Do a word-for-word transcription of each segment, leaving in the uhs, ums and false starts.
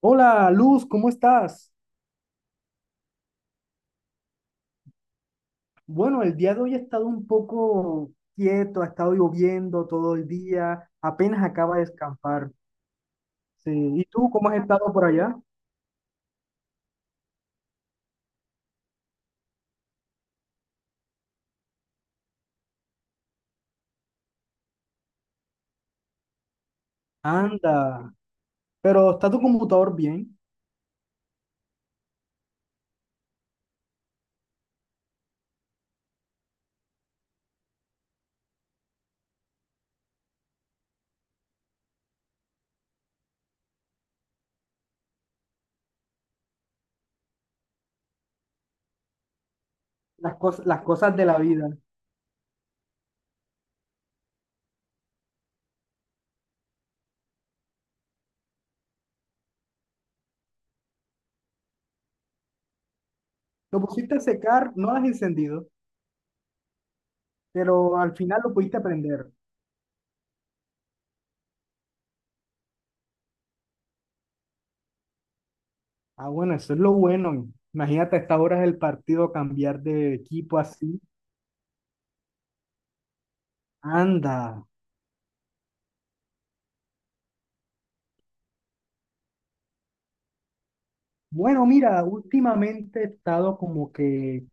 Hola, Luz, ¿cómo estás? Bueno, el día de hoy ha estado un poco quieto, ha estado lloviendo todo el día, apenas acaba de escampar. Sí. ¿Y tú cómo has estado por allá? Anda, pero ¿está tu computador bien? Las cosas, las cosas de la vida. Lo pusiste a secar, no las has encendido, pero al final lo pudiste prender. Ah, bueno, eso es lo bueno. Imagínate a estas horas del partido cambiar de equipo así. Anda. Bueno, mira, últimamente he estado como que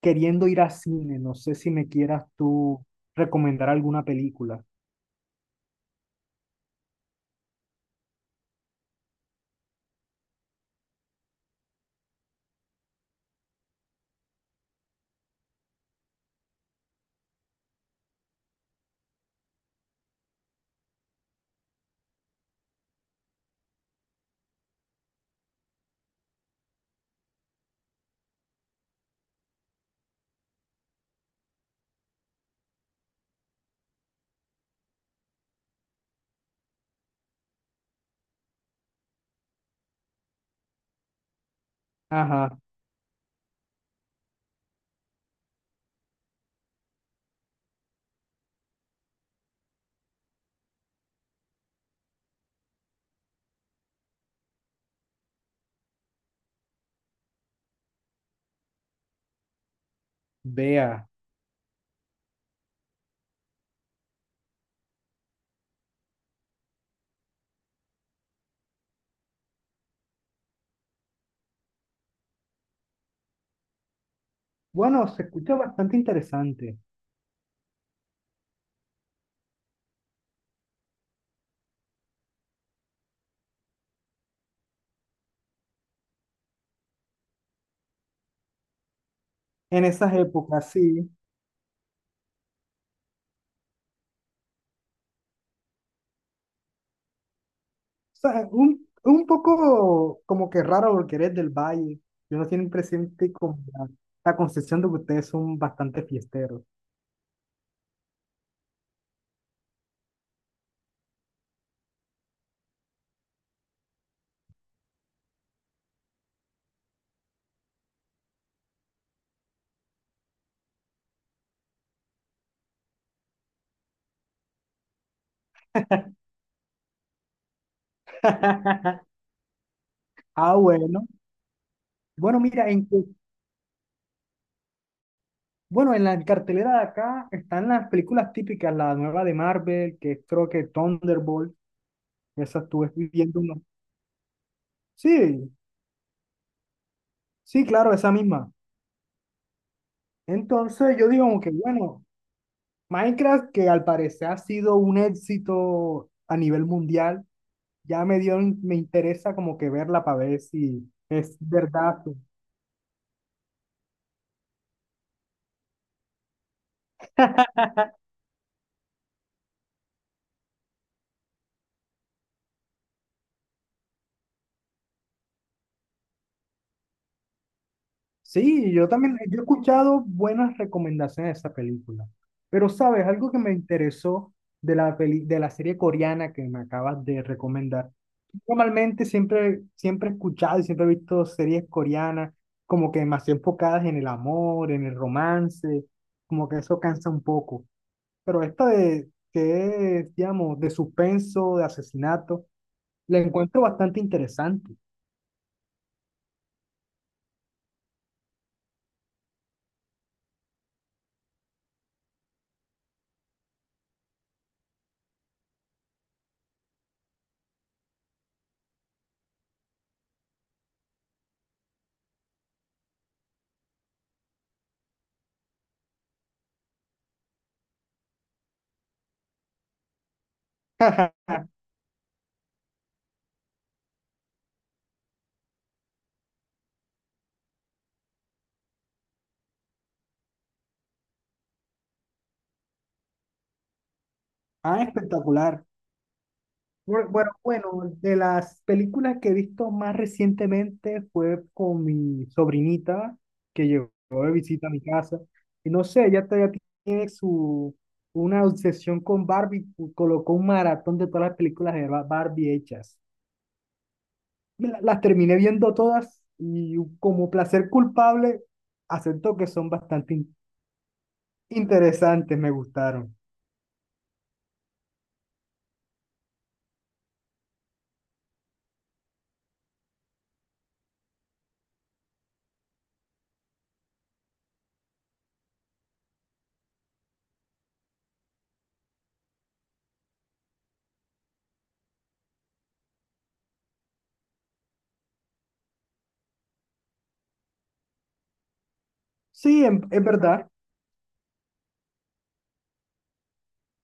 queriendo ir a cine, no sé si me quieras tú recomendar alguna película. Ajá, vea. Bueno, se escucha bastante interesante. En esas épocas, sí. O sea, un, un poco como que raro porque eres del valle. Yo no tienen presente como la, la concepción de que ustedes son bastante fiesteros. Ah, bueno. Bueno, mira, en, cu- bueno, en la cartelera de acá están las películas típicas, la nueva de Marvel, que es creo que Thunderbolt, esas estuve viendo, no. Sí, sí, claro, esa misma. Entonces yo digo como que, bueno, Minecraft, que al parecer ha sido un éxito a nivel mundial, ya me dio, me interesa como que verla para ver si es verdad. Sí, yo también, yo he escuchado buenas recomendaciones de esa película. Pero, ¿sabes? Algo que me interesó de la peli, de la serie coreana que me acabas de recomendar. Normalmente siempre, siempre he escuchado y siempre he visto series coreanas como que más enfocadas en el amor, en el romance, como que eso cansa un poco. Pero esta de, que es, digamos, de suspenso, de asesinato, la encuentro bastante interesante. Ah, espectacular. Bueno, bueno, bueno, de las películas que he visto más recientemente fue con mi sobrinita que llegó de visita a mi casa. Y no sé, ella todavía tiene su, una obsesión con Barbie, pu- colocó un maratón de todas las películas de Ba- Barbie hechas. Me la- las terminé viendo todas y como placer culpable, acepto que son bastante in- interesantes, me gustaron. Sí, en, es verdad.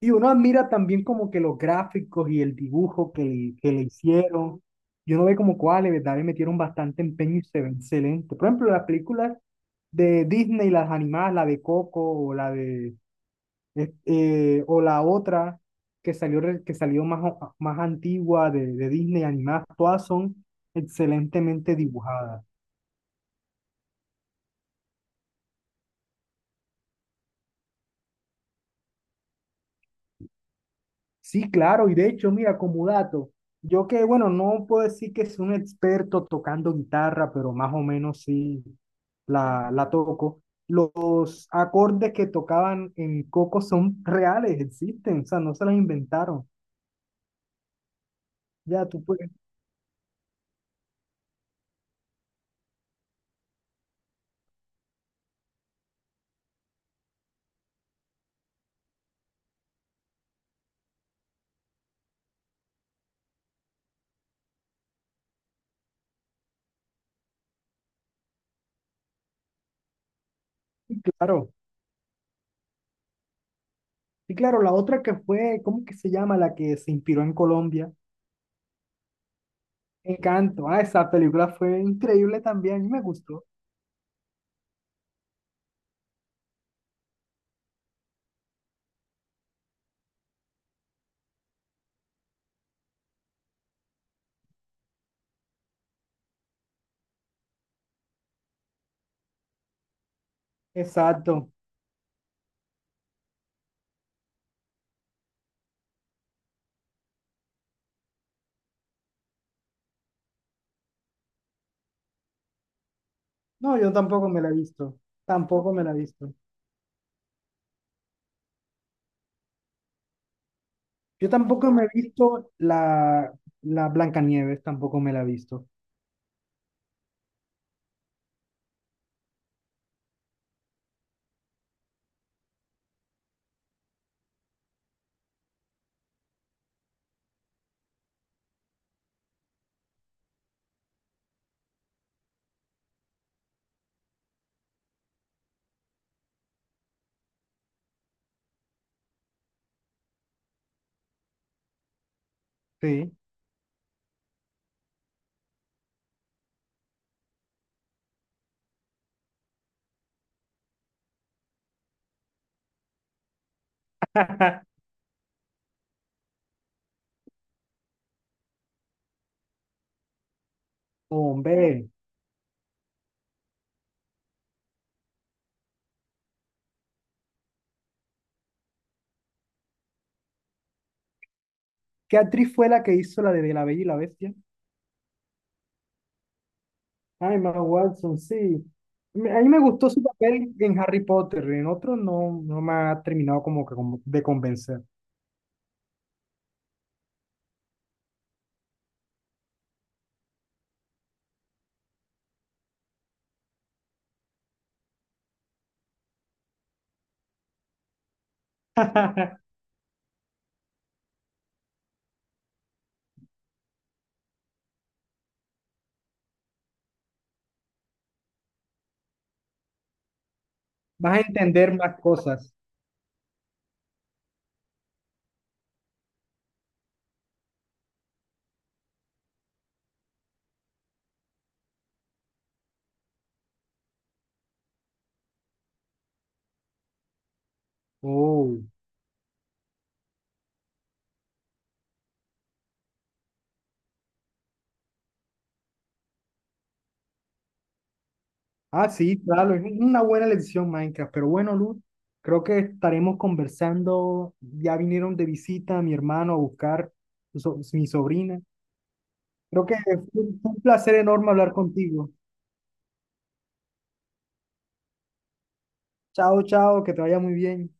Y uno admira también como que los gráficos y el dibujo que le, que le hicieron. Y uno ve como cuáles, ¿verdad? Le metieron bastante empeño y se ve excelente. Por ejemplo, las películas de Disney, las animadas, la de Coco o la de eh, eh, o la otra que salió, re- que salió más, o- más antigua de, de Disney animadas, todas son excelentemente dibujadas. Sí, claro, y de hecho, mira, como dato, yo que, bueno, no puedo decir que soy un experto tocando guitarra, pero más o menos sí la, la toco. Los acordes que tocaban en Coco son reales, existen, o sea, no se los inventaron. Ya, tú puedes, sí, claro. Y claro, la otra que fue, ¿cómo que se llama? La que se inspiró en Colombia, Encanto. Ah, esa película fue increíble también, me gustó. Exacto. No, yo tampoco me la he visto, tampoco me la he visto. Yo tampoco me he visto la, la Blancanieves, tampoco me la he visto. Sí. Hombre, ¿qué actriz fue la que hizo la de La Bella y la Bestia? Ay, Emma Watson, sí. Me- A mí me gustó su papel en Harry Potter, en otro no, no me ha terminado como que como de convencer. Vas a entender más cosas. Oh. Ah, sí, claro, es una buena elección Minecraft, pero bueno, Luz, creo que estaremos conversando, ya vinieron de visita mi hermano a buscar so- mi sobrina. Creo que fue un fue un placer enorme hablar contigo. Chao, chao, que te vaya muy bien.